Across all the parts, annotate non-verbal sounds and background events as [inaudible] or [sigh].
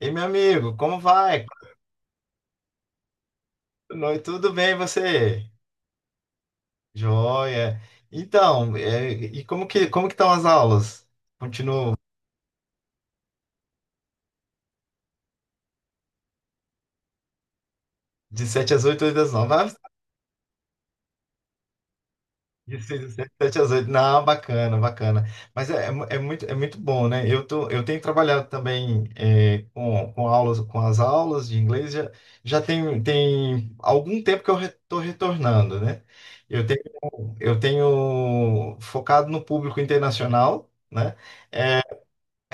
Ei meu amigo, como vai? Boa noite, Tudo bem, e você? Joia. Então, é, e como que como que estão as aulas? Continuo de sete às 8 8 às 9. Ah, de 6 às 7, 7 às 8. Não, bacana, bacana. Mas é, é, mu- é muito, é muito bom, né? Eu tô, eu tenho trabalhado também é, com, com aulas, com as aulas de inglês. Já, já tem, tem algum tempo que eu estou retornando, né? Eu tenho, eu tenho focado no público internacional. né?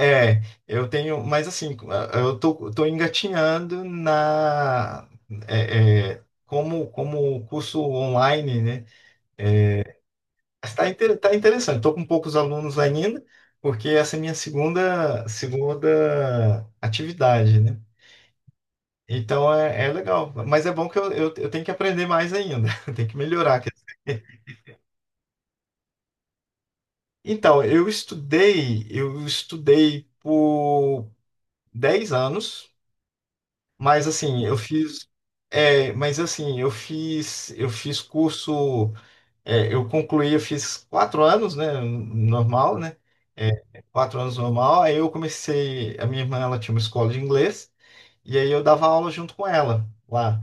É, eu tenho, mas assim, eu tô, tô engatinhando na é, é, como como curso online, né? Está inter, tá interessante. Estou com poucos alunos ainda, porque essa é minha segunda segunda atividade, né? Então é, é legal, mas é bom que eu, eu, eu tenho que aprender mais ainda, [laughs] eu tenho que melhorar. quer dizer. Então, eu estudei, eu estudei por 10 anos. Mas assim, eu fiz, é, mas assim, eu fiz, eu fiz curso, é, eu concluí, eu fiz quatro anos, né, normal, né, é, quatro anos normal. Aí eu comecei, a minha irmã, ela tinha uma escola de inglês e aí eu dava aula junto com ela lá.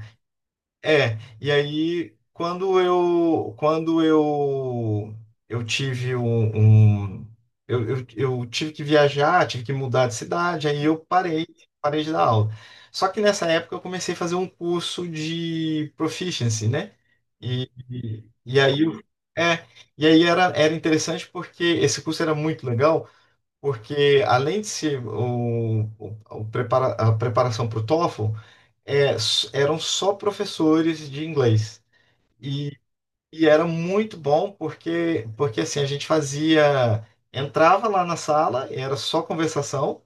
É, e aí quando eu quando eu eu tive um, um- eu, eu, eu tive que viajar, tive que mudar de cidade, aí eu parei, parei de dar aula. Só que nessa época eu comecei a fazer um curso de proficiency, né? E, e, e aí eu- é, e aí era, era interessante porque esse curso era muito legal, porque além de ser o, o, o prepara, a preparação para o TOEFL, é, s- eram só professores de inglês. E, e era muito bom porque, porque assim, a gente fazia, entrava lá na sala, era só conversação,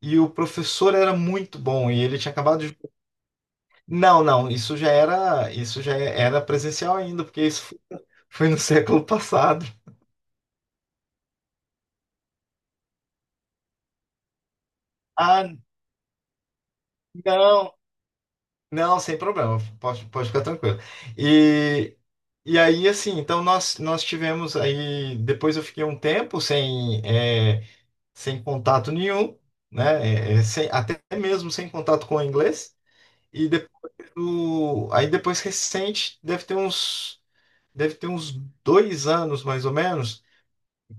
e o professor era muito bom, e ele tinha acabado de... [laughs] Não, não, isso já era, isso já era presencial ainda, porque isso fo- foi no [laughs] século passado. Ah, não, não, sem problema, pode, pode ficar tranquilo. E, e aí, assim, então nós, nós tivemos aí, depois eu fiquei um tempo sem, é, sem contato nenhum, né? É, é, sem- até mesmo sem contato com o inglês. E depois do, aí depois recente, deve ter uns, deve ter uns dois anos mais ou menos,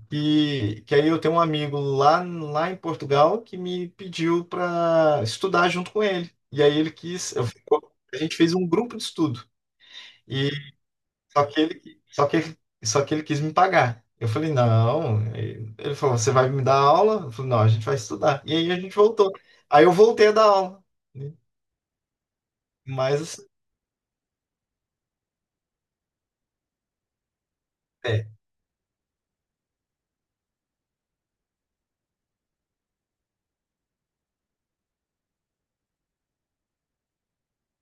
que, que aí eu tenho um amigo lá, lá em Portugal que me pediu para estudar junto com ele. E aí ele quis, eu- a gente fez um grupo de estudo. Só que ele, só que, só que ele quis me pagar. Eu falei, não. Ele falou, você vai me dar aula? Eu falei, não, a gente vai estudar. E aí a gente voltou. Aí eu voltei a dar aula. né? Mas assim, é,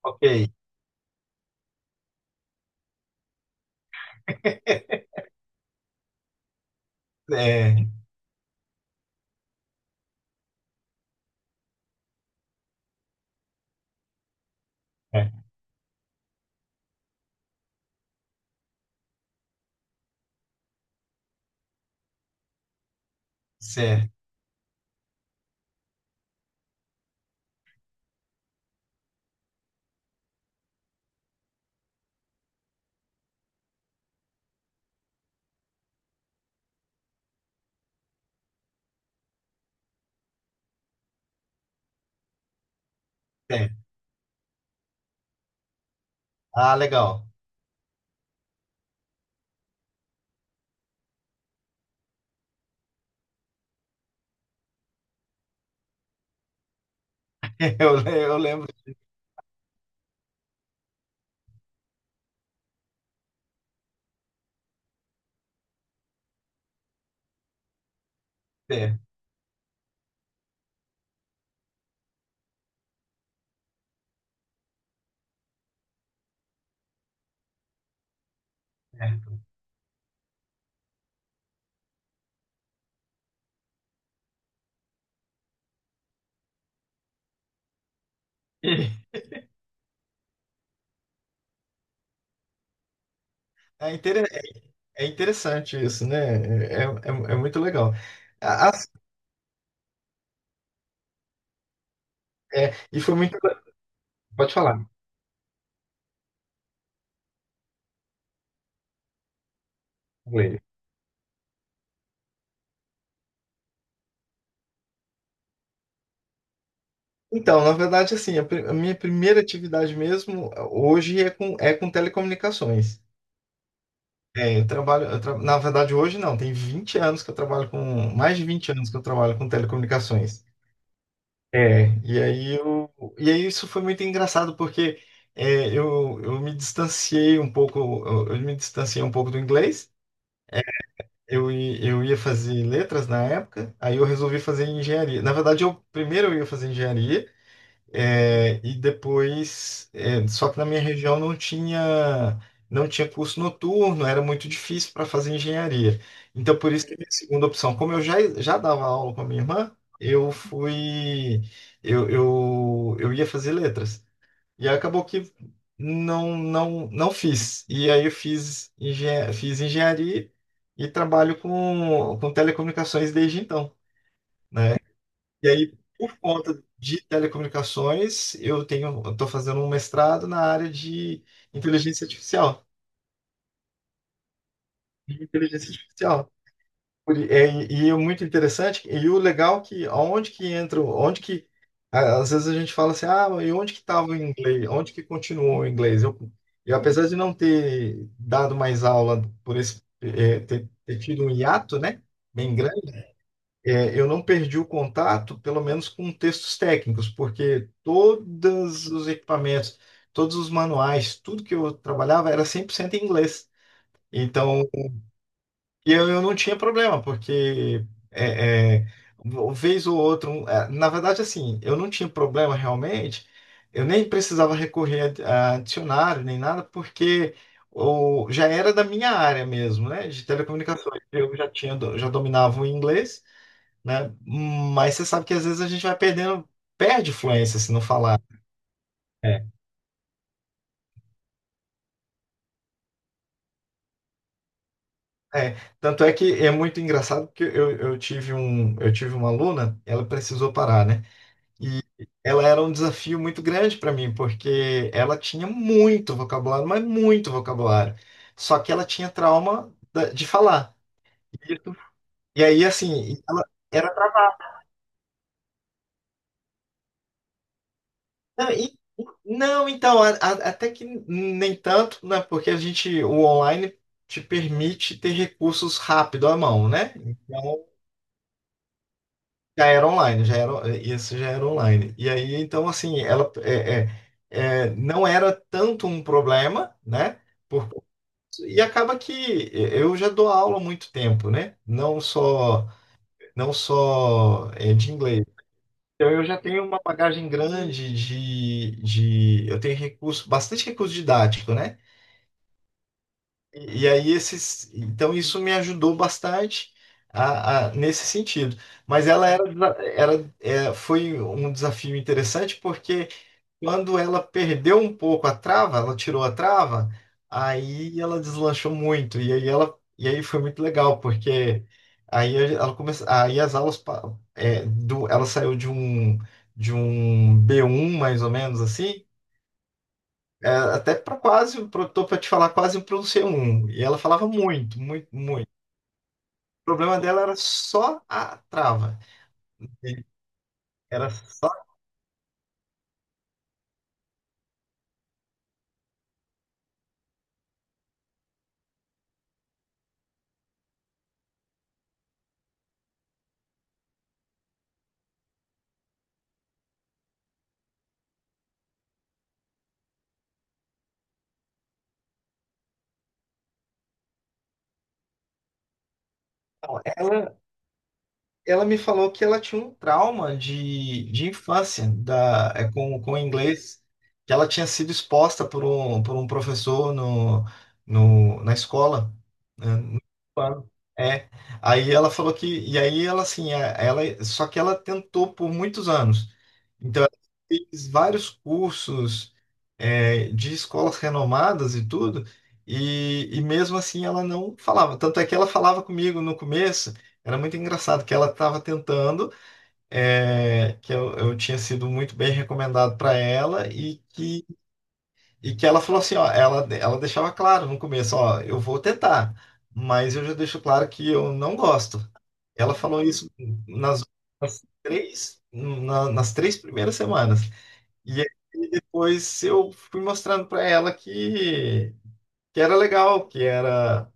ok. [laughs] É, é, certo, é. Ah, legal. [laughs] Eu, le- eu lembro. É, é. E É inter- é interessante isso, né? É, é, é muito legal. A- as- é, e foi muito. Pode falar. Então, na verdade, assim, a, pri- a minha primeira atividade mesmo eh, hoje é com, é com telecomunicações. É, eu trabalho, eu tra- na verdade, hoje não, tem 20 anos que eu trabalho com, mais de 20 anos que eu trabalho com telecomunicações. É, e aí eu, e aí isso foi muito engraçado porque é, eu, eu me distanciei um pouco, eu, eu me distanciei um pouco do inglês. Eu, i- eu ia fazer letras na época, aí eu resolvi fazer engenharia. Na verdade, eu primeiro eu ia fazer engenharia, É, e depois, é, só que na minha região não tinha, não tinha curso noturno, era muito difícil para fazer engenharia. Então, por isso que a minha segunda opção, como eu já, já dava aula com a minha irmã, eu fui, eu, eu, eu ia fazer letras. E aí acabou que não, não, não fiz. E aí eu fiz, engen fiz engenharia e trabalho com, com telecomunicações desde então. né? E aí, por conta de telecomunicações, eu tenho, eu estou fazendo um mestrado na área de inteligência artificial. de Inteligência artificial. Por- é, E é muito interessante, e o legal é que onde que entra, onde que a- às vezes a gente fala assim, ah, e onde que estava o inglês? Onde que continuou o inglês? Eu, eu apesar de não ter dado mais aula por esse, é, ter, ter tido um hiato, né? Bem grande é, eu não perdi o contato, pelo menos com textos técnicos, porque todos os equipamentos, todos os manuais, tudo que eu trabalhava era 100% em inglês. Então, e eu, eu não tinha problema, porque é, é, uma vez ou outra, um- é, na verdade, assim, eu não tinha problema realmente, eu nem precisava recorrer a, a dicionário nem nada, porque o, já era da minha área mesmo, né, de telecomunicações. Eu já tinha, do- já dominava o inglês né? Mas você sabe que às vezes a gente vai perdendo, perde fluência se não falar. É. É, tanto é que é muito engraçado porque eu, eu tive um, eu tive uma aluna, ela precisou parar, né? E ela era um desafio muito grande para mim, porque ela tinha muito vocabulário, mas muito vocabulário. Só que ela tinha trauma da- de falar. E isso- e aí, assim, ela, Não, e- não, então, a- a- até que nem tanto, né? Porque a gente, o online te permite ter recursos rápido à mão, né? Então, já era online, já era, isso já era online. E aí, então, assim, ela é, é, é, não era tanto um problema, né? Por, e acaba que eu já dou aula há muito tempo, né? Não só, não só é, de inglês. Então, eu já tenho uma bagagem grande de, de, eu tenho recurso, bastante recurso didático, né? E, e aí esses, então isso me ajudou bastante a, a- nesse sentido. Mas ela era, era, é, foi um desafio interessante porque quando ela perdeu um pouco a trava, ela tirou a trava, aí ela deslanchou muito. E aí ela, e aí foi muito legal, porque aí ela começou, aí as aulas pa- é, do, ela saiu de um de um B1 mais ou menos assim, é, até para quase, pro- tô para te falar, quase para um C1. E ela falava muito, muito, muito. O problema dela era só a trava. Era só ela ela me falou que ela tinha um trauma de, de infância da, é, com, com inglês, que ela tinha sido exposta por um, por um professor no, no, na escola. né, no ano. É, aí ela falou que, e aí ela assim, é, ela, só que ela tentou por muitos anos. Então, ela fez vários cursos, é, de escolas renomadas e tudo, e, e mesmo assim ela não falava. Tanto é que ela falava comigo no começo. Era muito engraçado que ela estava tentando, é, que eu, eu tinha sido muito bem recomendado para ela e que, e que ela falou assim, ó, ela, ela deixava claro no começo, ó, eu vou tentar, mas eu já deixo claro que eu não gosto. Ela falou isso nas, nas três, na- nas três primeiras semanas. E aí depois eu fui mostrando para ela que, que era legal, que era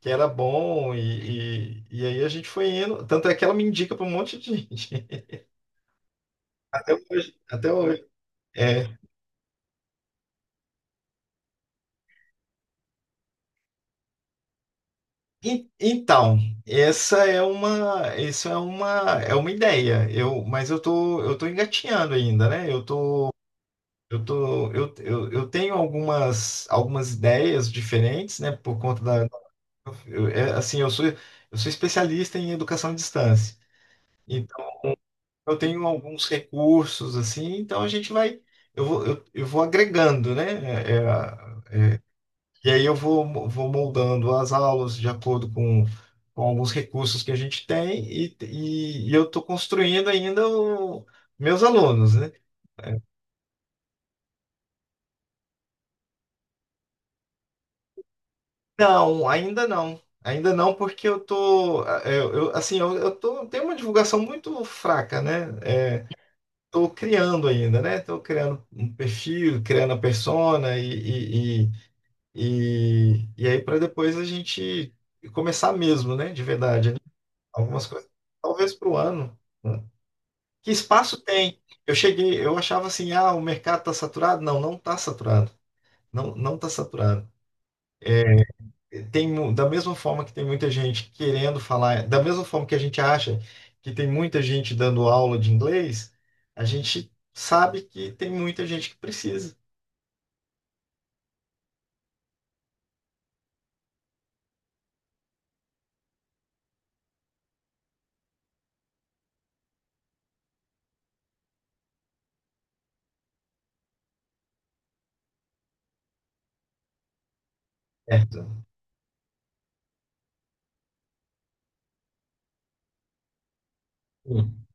que era bom, e, e, e aí a gente foi indo. Tanto é que ela me indica para um monte de gente. [laughs] Até hoje. Até hoje. É. En- Então, essa é uma, isso é uma, é uma ideia. Eu, mas eu tô, eu tô engatinhando ainda, né? Eu tô, eu tô, eu, eu, eu tenho algumas, algumas ideias diferentes, né? Por conta da, eu- é, assim, eu sou, eu sou especialista em educação à distância. Então, eu tenho alguns recursos assim, então a gente vai, eu vou, eu, eu vou agregando, né? É, é, e aí eu vou, mo- vou moldando as aulas de acordo com, com alguns recursos que a gente tem e, e, e eu estou construindo ainda o, meus alunos, né? Não, ainda não. Ainda não, porque eu tô, é, eu, assim, eu, eu tô, tenho uma divulgação muito fraca, né? Estou criando ainda, né? Estou criando um perfil, criando a persona e- e- E, e aí para depois a gente começar mesmo, né? De verdade, né? Algumas coisas, talvez para o ano. né? Que espaço tem? Eu cheguei, eu achava assim, ah, o mercado está saturado? Não, não está saturado. Não, não está saturado. Tem, mu- da mesma forma que tem muita gente querendo falar, da mesma forma que a gente acha que tem muita gente dando aula de inglês, a gente sabe que tem muita gente que precisa, certo? Sim.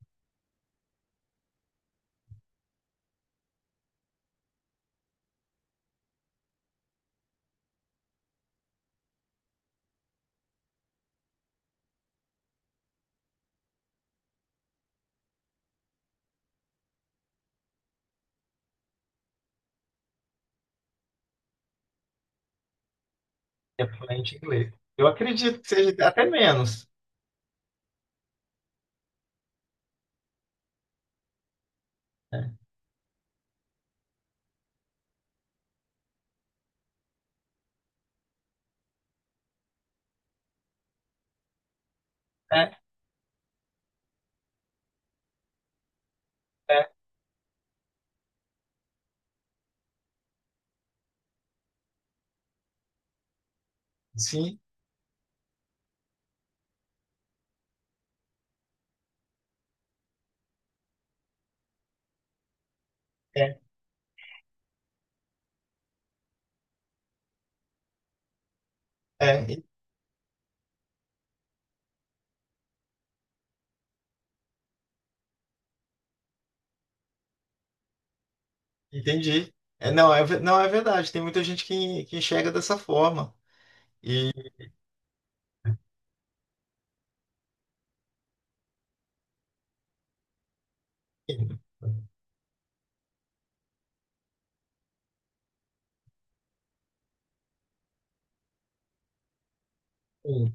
É fluente em inglês. Eu acredito que seja até menos. né? É, sim, é, é, en- entendi. É, não, é, ve- não, é verdade, tem muita gente que, que enxerga dessa forma. Sim, sim,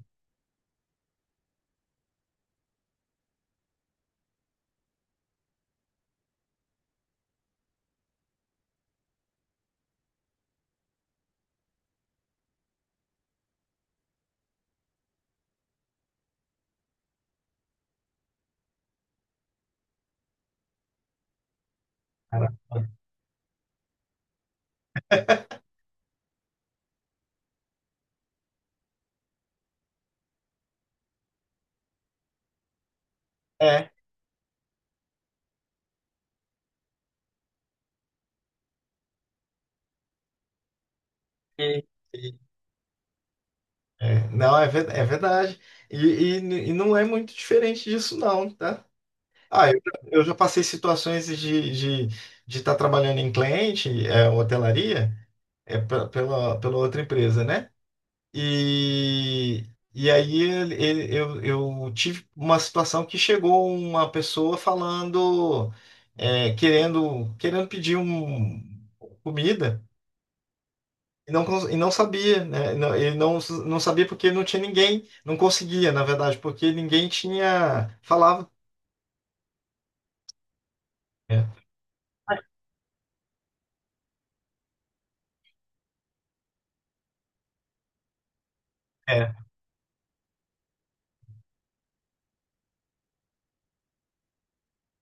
cara. É, e- e- é, não, é, ve- é verdade. E, e, n- e não é muito diferente disso, não, tá? Ah, eu, eu já passei situações de de estar trabalhando em cliente, é, hotelaria, é, pe- pela, pela outra empresa, né? E, e aí ele, ele- eu, eu tive uma situação que chegou uma pessoa falando, é, querendo, querendo pedir um, comida e não, cons- e não sabia, né? Não- Ele não, não sabia porque não tinha ninguém, não conseguia, na verdade, porque ninguém tinha falava. É, é,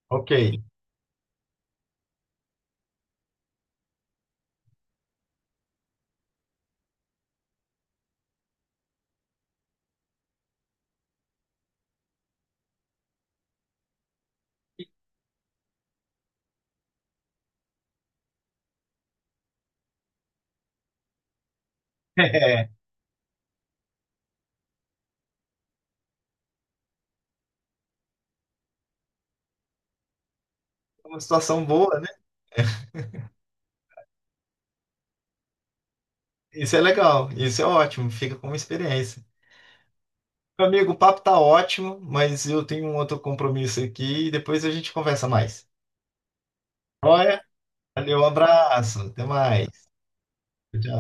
ok. [laughs] É uma situação boa, né? Isso é legal, isso é ótimo, fica como experiência. Meu amigo, o papo tá ótimo, mas eu tenho um outro compromisso aqui e depois a gente conversa mais. Olha, valeu, um abraço, até mais. Tchau.